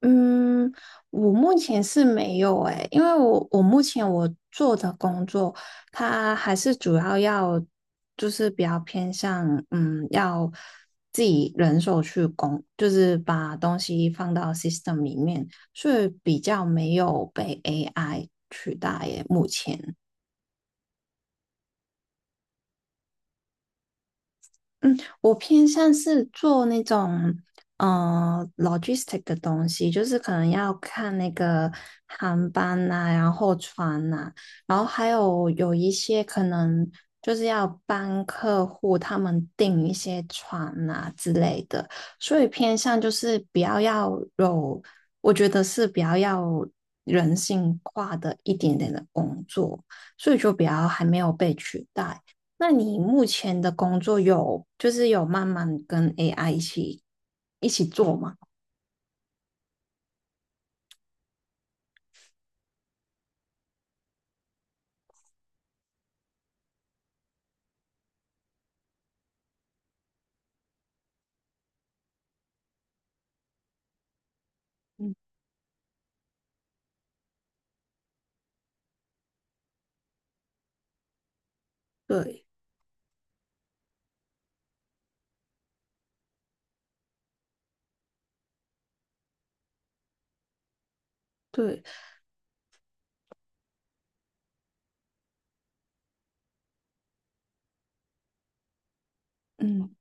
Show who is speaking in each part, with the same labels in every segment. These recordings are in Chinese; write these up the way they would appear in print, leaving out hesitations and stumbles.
Speaker 1: 嗯，我目前是没有诶，因为我目前我做的工作，它还是主要要就是比较偏向要自己人手去工，就是把东西放到 system 里面，所以比较没有被 AI 取代耶，目前。嗯，我偏向是做那种logistic 的东西，就是可能要看那个航班呐、然后船呐、然后还有一些可能就是要帮客户他们订一些船呐、之类的，所以偏向就是比较要有，我觉得是比较要人性化的一点点的工作，所以就比较还没有被取代。那你目前的工作有就是有慢慢跟 AI 一起做吗？嗯，对对，嗯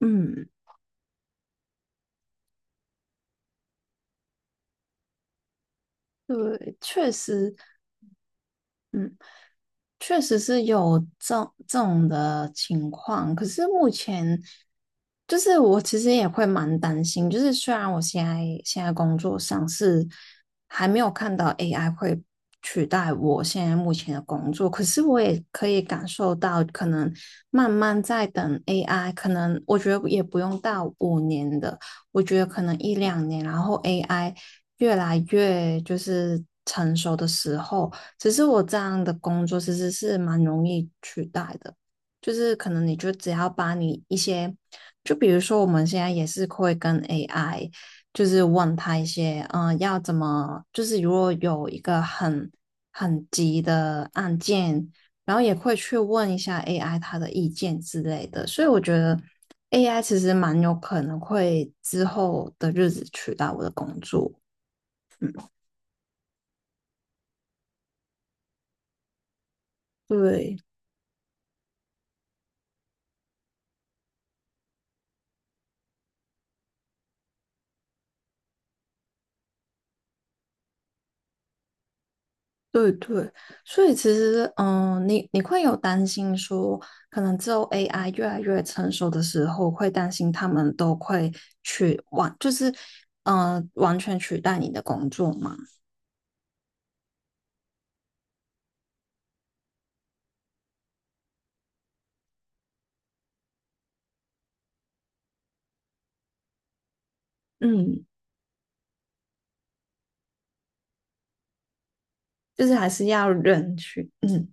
Speaker 1: 嗯，对，确实，确实是有这种的情况，可是目前就是我其实也会蛮担心，就是虽然我现在工作上是还没有看到 AI 会取代我现在目前的工作，可是我也可以感受到，可能慢慢在等 AI,可能我觉得也不用到五年的，我觉得可能一两年，然后 AI 越来越就是成熟的时候。只是我这样的工作其实是蛮容易取代的，就是可能你就只要把你一些，就比如说我们现在也是会跟 AI,就是问他一些，要怎么，就是如果有一个很急的案件，然后也会去问一下 AI 他的意见之类的，所以我觉得 AI 其实蛮有可能会之后的日子取代我的工作。对，对对，所以其实，你会有担心说，可能之后 AI 越来越成熟的时候，会担心他们都会就是，完全取代你的工作吗？嗯，就是还是要人去，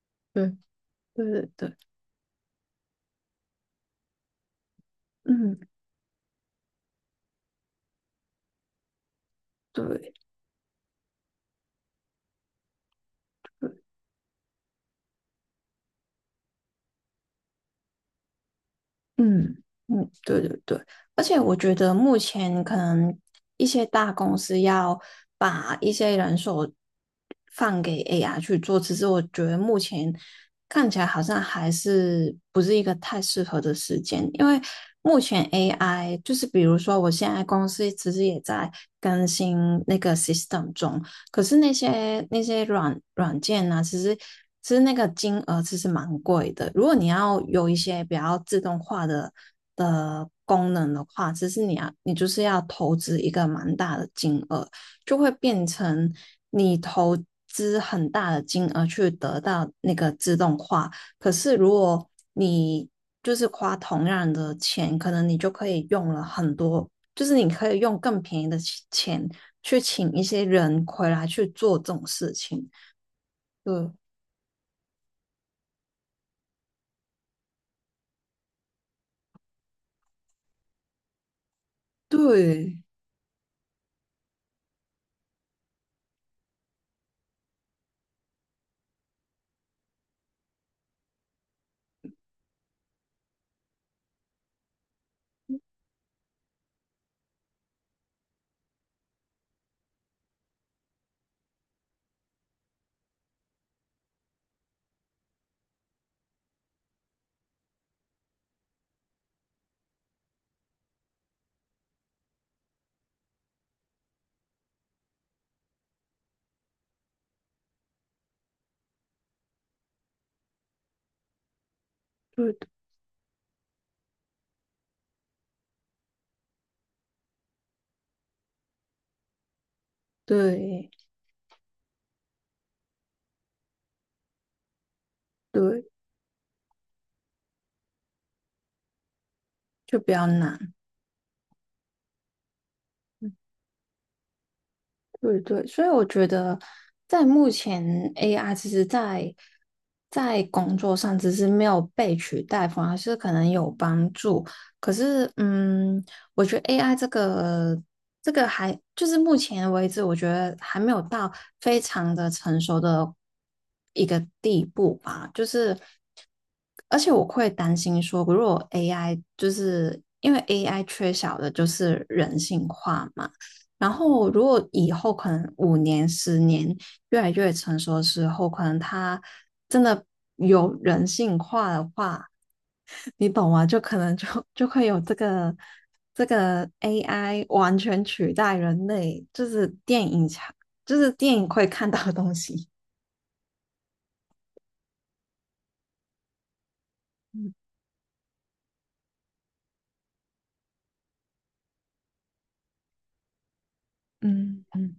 Speaker 1: 对对对对，嗯，对。嗯嗯，对对对，而且我觉得目前可能一些大公司要把一些人手放给 AI 去做，其实我觉得目前看起来好像还是不是一个太适合的时间，因为目前 AI 就是比如说我现在公司其实也在更新那个 system 中，可是那些软件呢、其实那个金额其实蛮贵的。如果你要有一些比较自动化的功能的话，其实你要你就是要投资一个蛮大的金额，就会变成你投资很大的金额去得到那个自动化。可是如果你就是花同样的钱，可能你就可以用了很多就是你可以用更便宜的钱去请一些人回来去做这种事情。对对对对对，就比较难。对对，所以我觉得在目前 AI 其实在工作上只是没有被取代，反而是可能有帮助。可是，我觉得 AI 这个还就是目前为止，我觉得还没有到非常的成熟的一个地步吧。就是，而且我会担心说，如果 AI 就是因为 AI 缺少的就是人性化嘛。然后，如果以后可能五年、10年越来越成熟的时后，可能他真的有人性化的话，你懂吗？就可能就会有这个AI 完全取代人类，就是电影强，就是电影会看到的东西。嗯嗯，嗯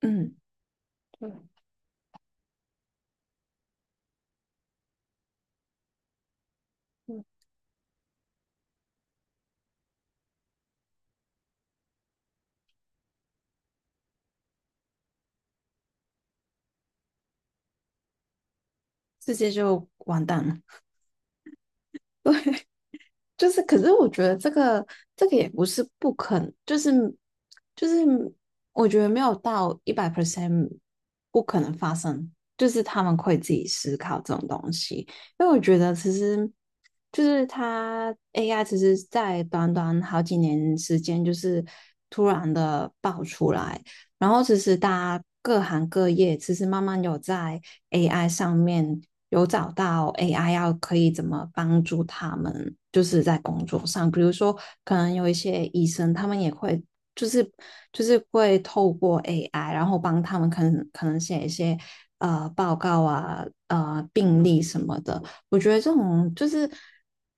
Speaker 1: 嗯，世界就完蛋了。就是，可是我觉得这个也不是不可能，就是，我觉得没有到100% 不可能发生，就是他们会自己思考这种东西，因为我觉得其实就是它 AI 其实在短短好几年时间，就是突然的爆出来，然后其实大家各行各业其实慢慢有在 AI 上面有找到 AI 要可以怎么帮助他们，就是在工作上，比如说可能有一些医生，他们也会就是就是会透过 AI,然后帮他们可能写一些报告啊、病例什么的。我觉得这种就是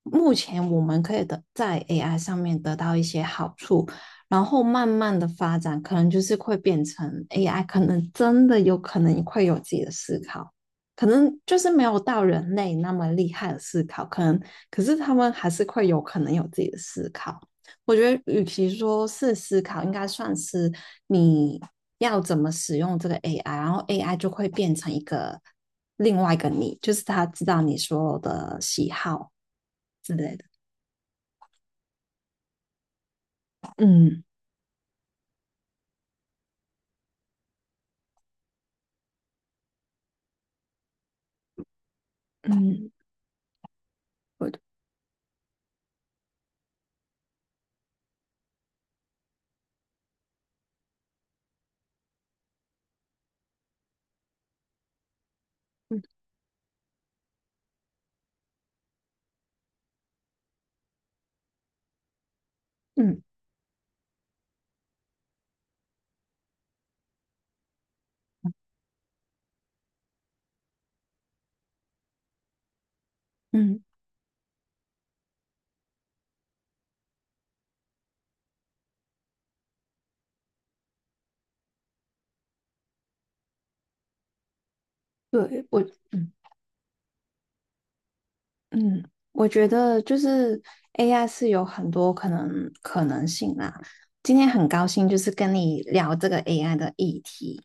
Speaker 1: 目前我们可以得在 AI 上面得到一些好处。然后慢慢的发展，可能就是会变成 AI,可能真的有可能会有自己的思考，可能就是没有到人类那么厉害的思考，可能可是他们还是会有可能有自己的思考。我觉得，与其说是思考，应该算是你要怎么使用这个 AI,然后 AI 就会变成一个另外一个你，就是他知道你所有的喜好之类的。嗯嗯，我嗯嗯嗯。嗯嗯对，我，嗯嗯，我觉得就是 AI 是有很多可能可能性啦。今天很高兴就是跟你聊这个 AI 的议题。